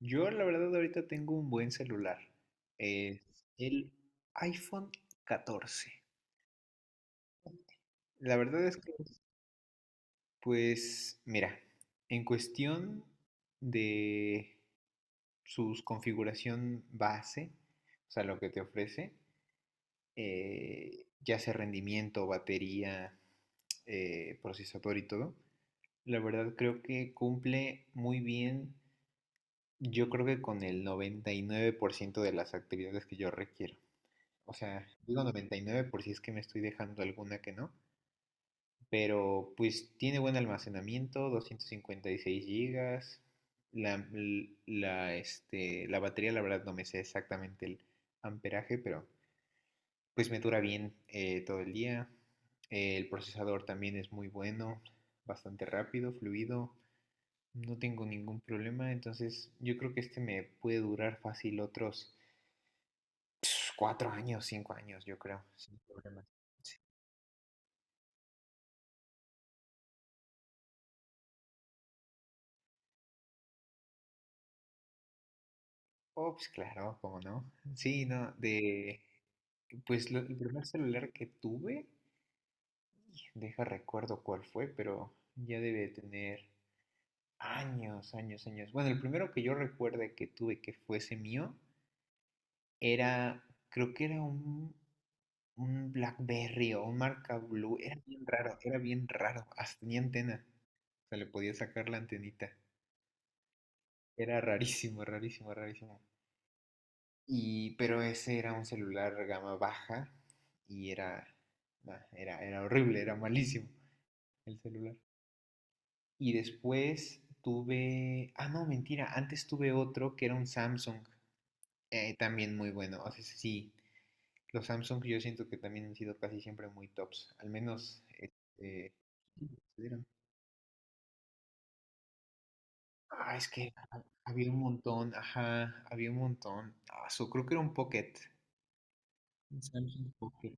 Yo la verdad ahorita tengo un buen celular. Es el iPhone 14. La verdad es que, pues, mira, en cuestión de su configuración base, o sea, lo que te ofrece, ya sea rendimiento, batería, procesador y todo, la verdad creo que cumple muy bien, yo creo que con el 99% de las actividades que yo requiero. O sea, digo 99 por si es que me estoy dejando alguna que no. Pero pues tiene buen almacenamiento, 256 gigas. La, la batería, la verdad, no me sé exactamente el amperaje, pero pues me dura bien todo el día. El procesador también es muy bueno, bastante rápido, fluido. No tengo ningún problema, entonces yo creo que este me puede durar fácil otros 4 años, 5 años, yo creo, sin problemas. Oh, pues claro, ¿cómo no? Sí, no, de... Pues el primer celular que tuve, deja recuerdo cuál fue, pero ya debe de tener años, años, años. Bueno, el primero que yo recuerde que tuve que fuese mío era, creo que era un BlackBerry o un marca Blue. Era bien raro, era bien raro. Hasta tenía antena. O sea, le podía sacar la antenita. Era rarísimo, rarísimo, rarísimo. Y, pero ese era un celular gama baja y era, nah, era horrible, era malísimo el celular. Y después tuve, no, mentira, antes tuve otro que era un Samsung, también muy bueno. O sea, sí, los Samsung yo siento que también han sido casi siempre muy tops, al menos, este, ¿eran? Ah, es que había un montón, ajá, había un montón. Ah, creo que era un Pocket. Un Samsung Pocket.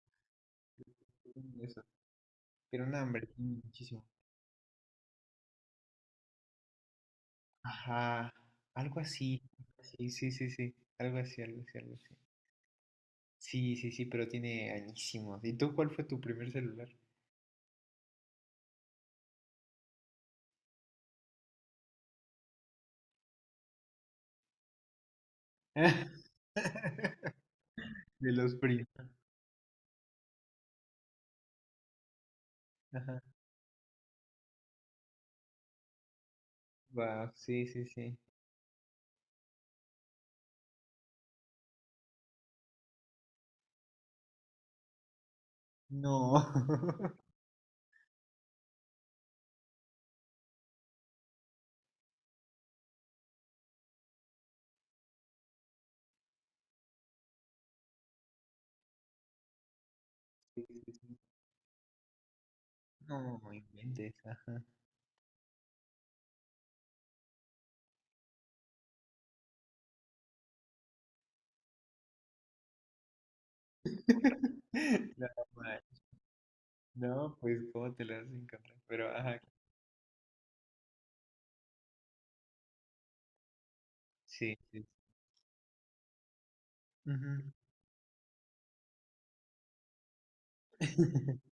Pero no, hombre, tiene muchísimo. Ajá, algo así. Sí, sí, sí, sí. Algo así, algo así, algo así. Sí, sí, sí, pero tiene añísimos. ¿Y tú cuál fue tu primer celular? De los primos. Ajá. Wow, sí, sí, sí. No. Sí, sí, sí. No, no inventes. Ajá. No, man. No, pues, ¿cómo te lo vas a encontrar? Pero, ajá, sí, sí. Ujú.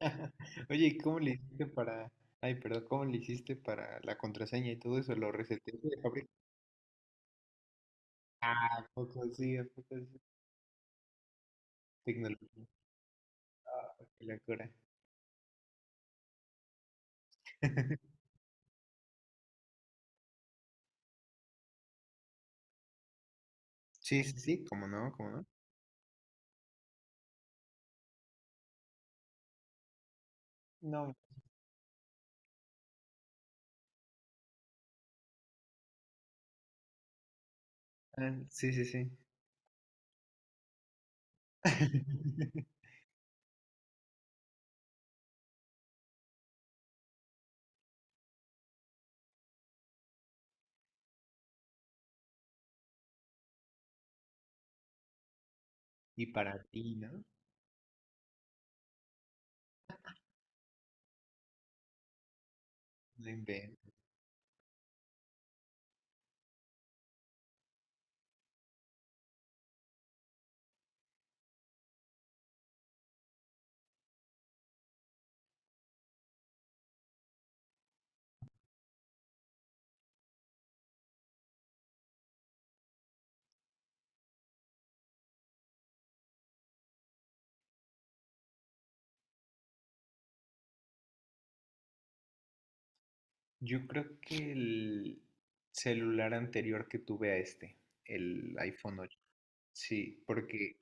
Oye, ¿y cómo le hiciste para... Ay, perdón, ¿cómo le hiciste para la contraseña y todo eso? ¿Lo reseteaste de fábrica? Ah, ¿a poco sí, a poco sí? Tecnología. Ah, qué locura. Sí, sí, sí, ¿cómo no? ¿Cómo no? No, ah, sí, sí, sí. Y para ti, ¿no? No inventes. Yo creo que el celular anterior que tuve a este, el iPhone 8. Sí, porque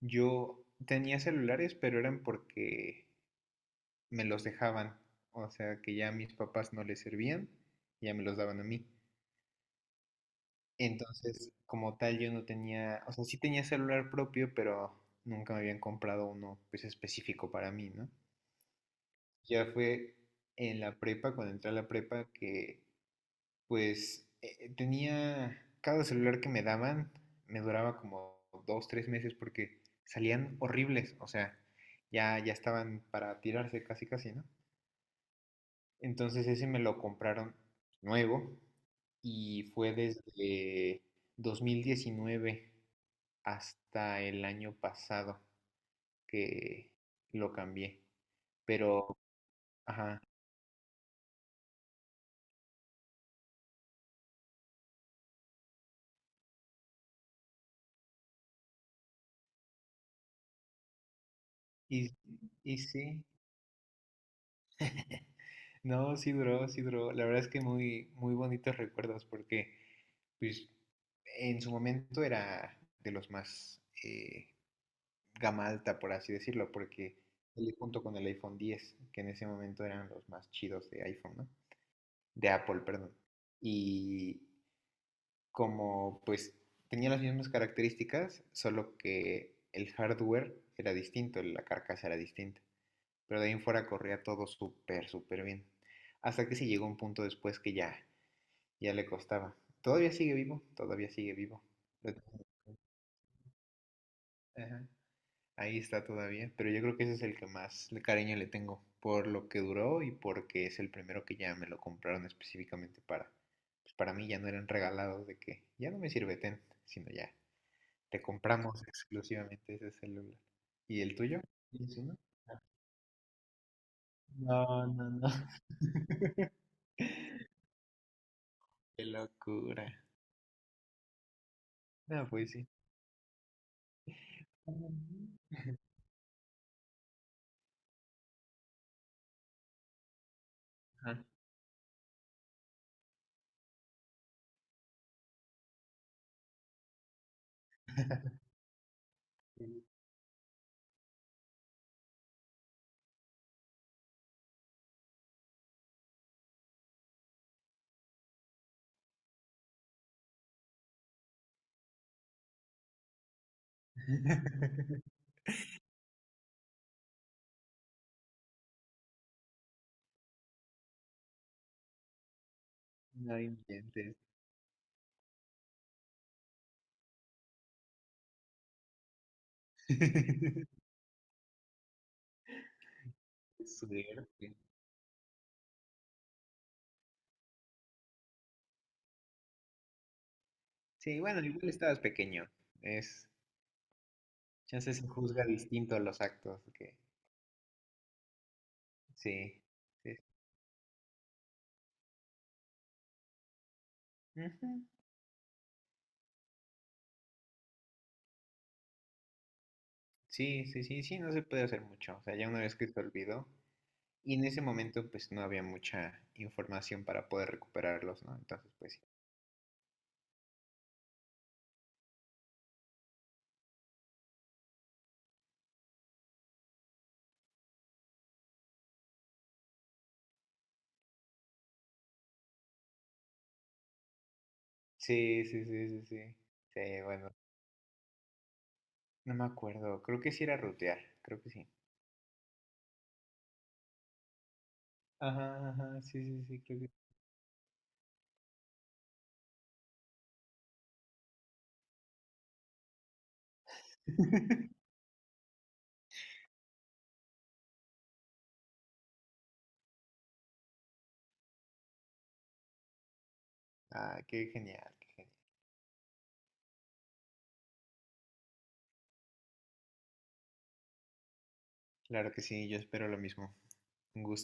yo tenía celulares, pero eran porque me los dejaban, o sea, que ya a mis papás no les servían, ya me los daban a mí. Entonces, como tal, yo no tenía, o sea, sí tenía celular propio, pero nunca me habían comprado uno pues específico para mí, ¿no? Ya fue en la prepa, cuando entré a la prepa, que pues tenía, cada celular que me daban me duraba como 2, 3 meses porque salían horribles, o sea, ya, ya estaban para tirarse casi, casi, ¿no? Entonces ese me lo compraron nuevo y fue desde 2019 hasta el año pasado que lo cambié. Pero, ajá, y, y sí, no, sí duró, sí duró. La verdad es que muy, muy bonitos recuerdos porque, pues, en su momento era de los más gama alta, por así decirlo, porque él junto con el iPhone 10, que en ese momento eran los más chidos de iPhone, ¿no? De Apple, perdón. Y como pues tenía las mismas características, solo que el hardware era distinto, la carcasa era distinta. Pero de ahí en fuera corría todo súper, súper bien. Hasta que se llegó un punto después que ya, ya le costaba. Todavía sigue vivo, todavía sigue vivo. Pero, ajá. Ahí está todavía, pero yo creo que ese es el que más cariño le tengo, por lo que duró y porque es el primero que ya me lo compraron específicamente para, pues para mí ya no eran regalados de que ya no me sirve ten, sino ya te compramos exclusivamente ese celular. ¿Y el tuyo? ¿Tienes uno? Ah, no, no, no. Qué locura. No, pues sí. Ajá. Sí. No inventes. Qué suerte. Sí, bueno, igual estabas pequeño. Es, Chance se juzga distinto a los actos, que sí. Sí. Ujú. Sí, sí, sí, sí, no se puede hacer mucho. O sea, ya una vez que se olvidó, y en ese momento pues no había mucha información para poder recuperarlos, ¿no? Entonces, pues sí. Sí, sí, sí, sí, sí. Sí, bueno, no me acuerdo. Creo que sí era rutear, creo que sí. Ajá, ajá, sí, sí, sí, creo que sí. Ah, qué genial, qué genial. Claro que sí, yo espero lo mismo. Un gusto.